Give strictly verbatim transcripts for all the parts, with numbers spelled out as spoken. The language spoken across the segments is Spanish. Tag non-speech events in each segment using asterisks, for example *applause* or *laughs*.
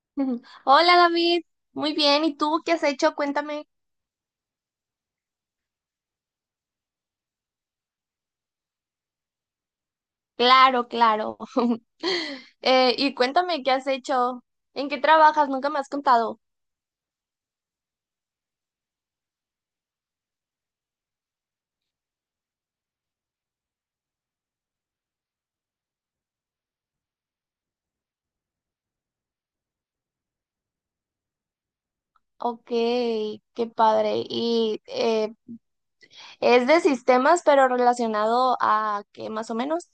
*laughs* Ujú. Hola David, muy bien. ¿Y tú qué has hecho? Cuéntame. Claro, claro. *laughs* Eh, y cuéntame qué has hecho. ¿En qué trabajas? Nunca me has contado. Ok, qué padre. Y eh, es de sistemas, pero relacionado a qué más o menos.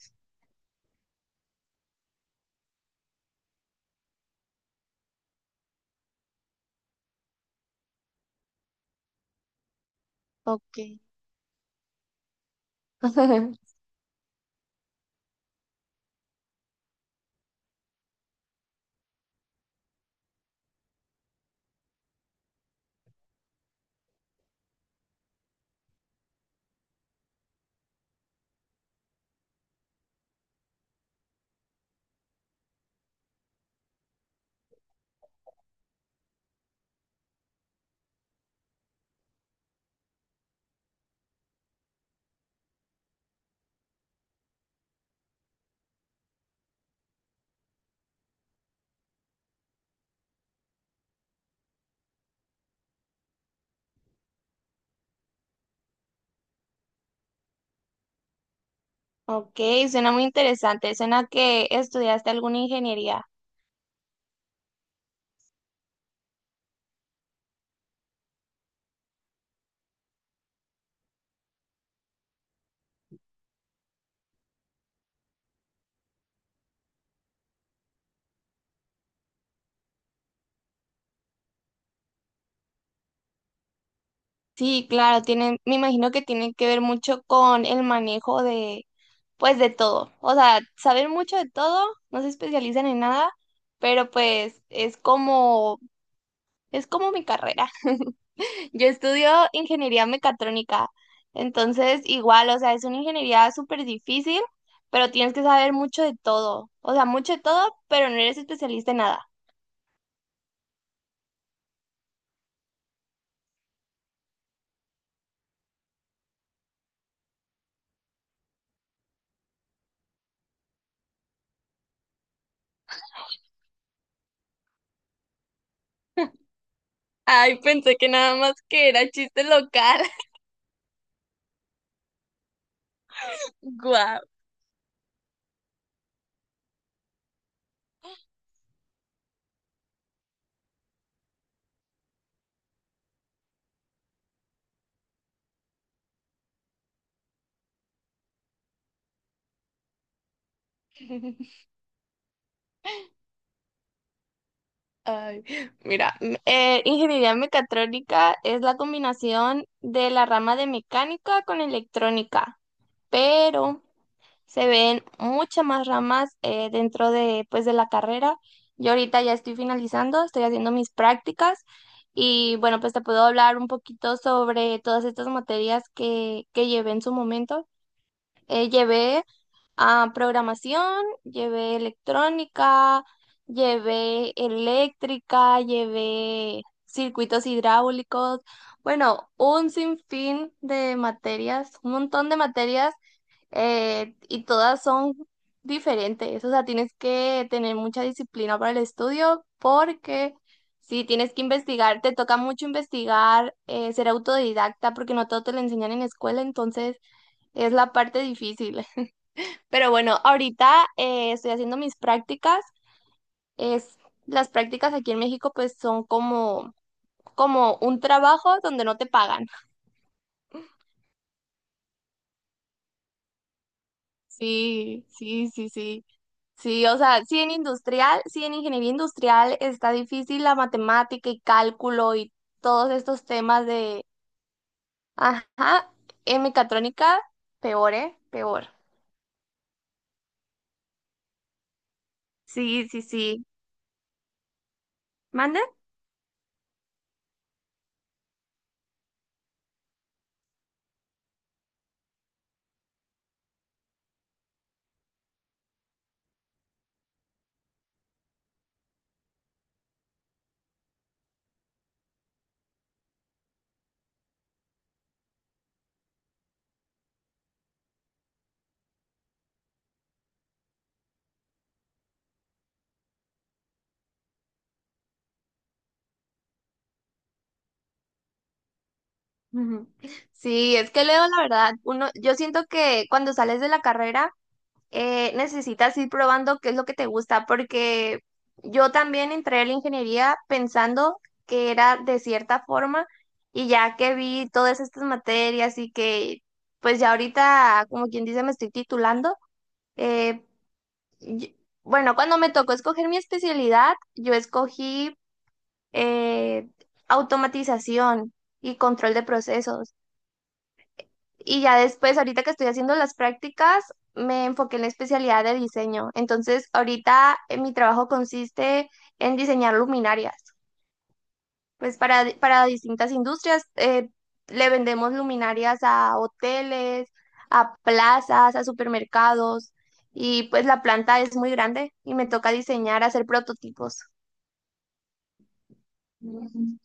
Ok. *laughs* Ok, suena muy interesante. Suena que estudiaste alguna ingeniería. Sí, claro, tienen, me imagino que tiene que ver mucho con el manejo de pues de todo. O sea, saber mucho de todo, no se especializan en nada, pero pues es como, es como mi carrera. *laughs* Yo estudio ingeniería mecatrónica, entonces igual, o sea, es una ingeniería súper difícil, pero tienes que saber mucho de todo. O sea, mucho de todo, pero no eres especialista en nada. *laughs* Ay, pensé que nada más que era chiste local. *laughs* Guau. *laughs* Ay, mira, m- eh, ingeniería mecatrónica es la combinación de la rama de mecánica con electrónica, pero se ven muchas más ramas eh, dentro de, pues, de la carrera. Yo ahorita ya estoy finalizando, estoy haciendo mis prácticas y bueno, pues te puedo hablar un poquito sobre todas estas materias que, que llevé en su momento. Eh, llevé Ah, programación, llevé electrónica, llevé eléctrica, llevé circuitos hidráulicos, bueno, un sinfín de materias, un montón de materias eh, y todas son diferentes. O sea, tienes que tener mucha disciplina para el estudio porque si tienes que investigar, te toca mucho investigar, eh, ser autodidacta porque no todo te lo enseñan en la escuela, entonces es la parte difícil. Pero bueno, ahorita eh, estoy haciendo mis prácticas. Es, las prácticas aquí en México pues son como, como un trabajo donde no te pagan. Sí, sí, sí, sí. Sí, o sea, sí en industrial, sí en ingeniería industrial está difícil la matemática y cálculo y todos estos temas de, ajá, en mecatrónica, peor, ¿eh? Peor. Sí, sí, sí. ¿Mande? Ujú. Sí, es que Leo, la verdad, uno, yo siento que cuando sales de la carrera eh, necesitas ir probando qué es lo que te gusta, porque yo también entré a la ingeniería pensando que era de cierta forma y ya que vi todas estas materias y que pues ya ahorita, como quien dice, me estoy titulando, eh, y- bueno, cuando me tocó escoger mi especialidad, yo escogí eh, automatización y control de procesos. Y ya después, ahorita que estoy haciendo las prácticas, me enfoqué en la especialidad de diseño. Entonces, ahorita eh, mi trabajo consiste en diseñar luminarias. Pues para, para distintas industrias, eh, le vendemos luminarias a hoteles, a plazas, a supermercados. Y pues la planta es muy grande y me toca diseñar, hacer prototipos. Mm.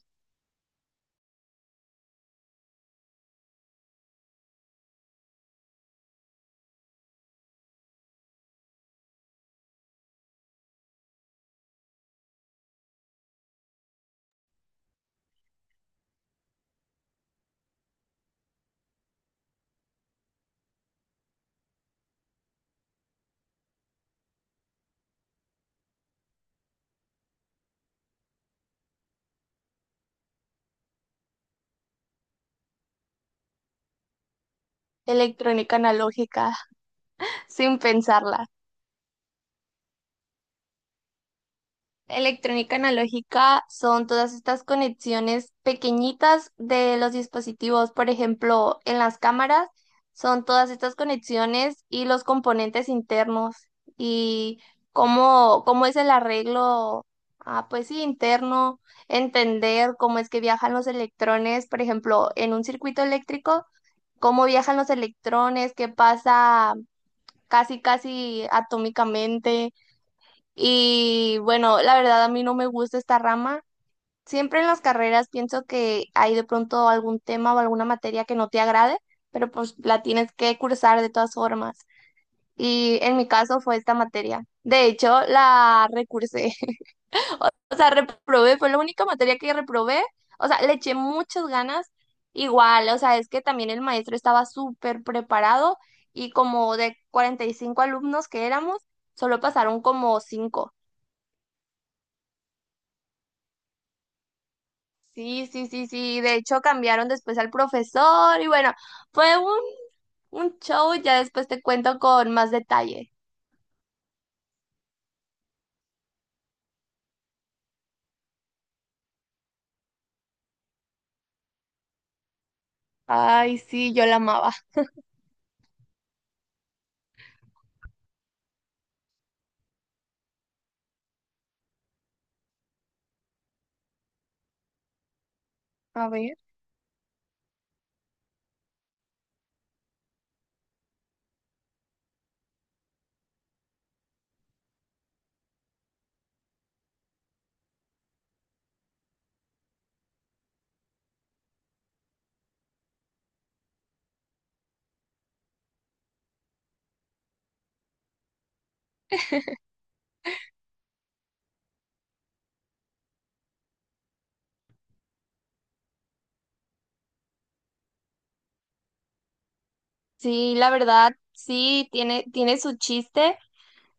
Electrónica analógica, *laughs* sin pensarla. Electrónica analógica son todas estas conexiones pequeñitas de los dispositivos, por ejemplo, en las cámaras son todas estas conexiones y los componentes internos y cómo, cómo es el arreglo, ah, pues sí, interno, entender cómo es que viajan los electrones, por ejemplo, en un circuito eléctrico, cómo viajan los electrones, qué pasa casi, casi atómicamente y bueno, la verdad a mí no me gusta esta rama. Siempre en las carreras pienso que hay de pronto algún tema o alguna materia que no te agrade, pero pues la tienes que cursar de todas formas. Y en mi caso fue esta materia. De hecho, la recursé. *laughs* O sea, reprobé, fue la única materia que reprobé. O sea, le eché muchas ganas. Igual, o sea, es que también el maestro estaba súper preparado y como de cuarenta y cinco alumnos que éramos, solo pasaron como cinco. Sí, sí, sí, sí. De hecho, cambiaron después al profesor y bueno, fue un, un show. Ya después te cuento con más detalle. Ay, sí, yo la amaba. A ver. Sí, la verdad, sí, tiene, tiene su chiste,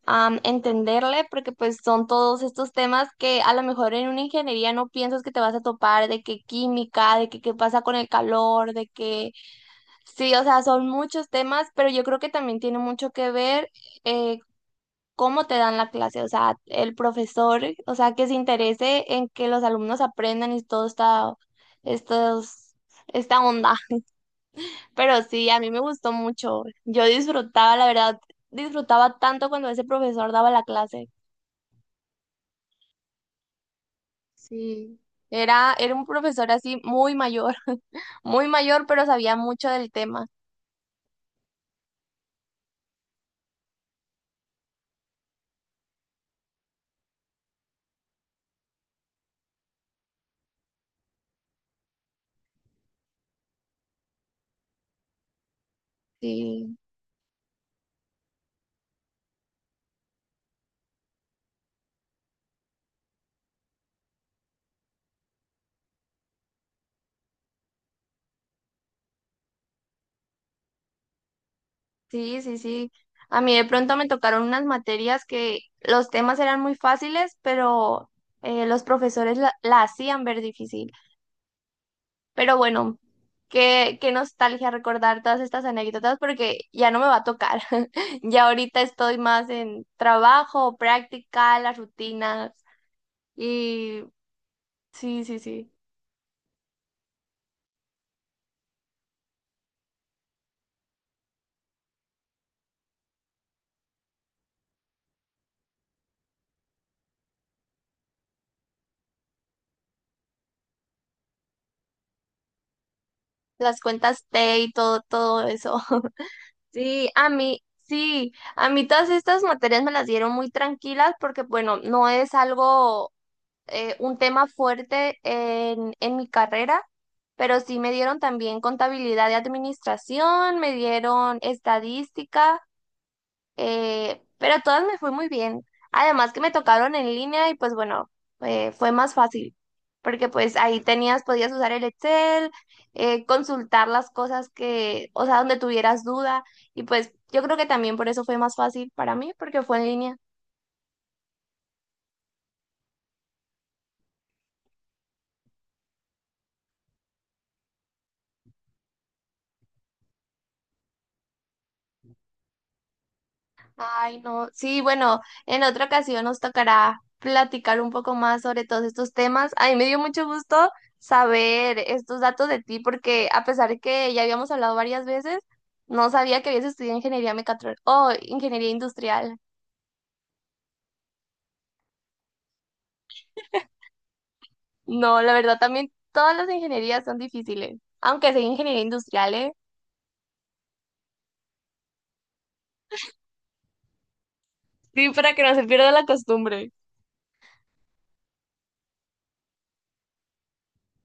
am, entenderle, porque pues son todos estos temas que a lo mejor en una ingeniería no piensas que te vas a topar, de que química, de que qué pasa con el calor, de que... Sí, o sea, son muchos temas, pero yo creo que también tiene mucho que ver eh, cómo te dan la clase, o sea, el profesor, o sea, que se interese en que los alumnos aprendan y todo esta, estos, esta onda. Pero sí, a mí me gustó mucho. Yo disfrutaba, la verdad, disfrutaba tanto cuando ese profesor daba la clase. Sí, era, era un profesor así muy mayor, *laughs* muy mayor, pero sabía mucho del tema. Sí. Sí, sí, sí. A mí de pronto me tocaron unas materias que los temas eran muy fáciles, pero eh, los profesores la, la hacían ver difícil. Pero bueno, qué, qué nostalgia recordar todas estas anécdotas porque ya no me va a tocar. *laughs* Ya ahorita estoy más en trabajo, práctica, las rutinas y sí, sí, sí. Las cuentas te y todo, todo eso. *laughs* Sí, a mí, sí, a mí todas estas materias me las dieron muy tranquilas porque, bueno, no es algo, eh, un tema fuerte en, en mi carrera, pero sí me dieron también contabilidad y administración, me dieron estadística eh, pero todas me fue muy bien. Además que me tocaron en línea y pues bueno, eh, fue más fácil, porque pues ahí tenías, podías usar el Excel, eh, consultar las cosas que, o sea, donde tuvieras duda y pues yo creo que también por eso fue más fácil para mí, porque fue en línea. Ay, no. Sí, bueno, en otra ocasión nos tocará platicar un poco más sobre todos estos temas. A mí me dio mucho gusto saber estos datos de ti porque a pesar de que ya habíamos hablado varias veces, no sabía que habías estudiado ingeniería mecatrónica o ingeniería industrial. No, la verdad también todas las ingenierías son difíciles, aunque sea ingeniería industrial, ¿eh? Sí, para que no se pierda la costumbre.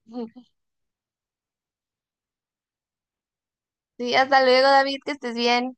*laughs* Sí, hasta luego, David, que estés bien.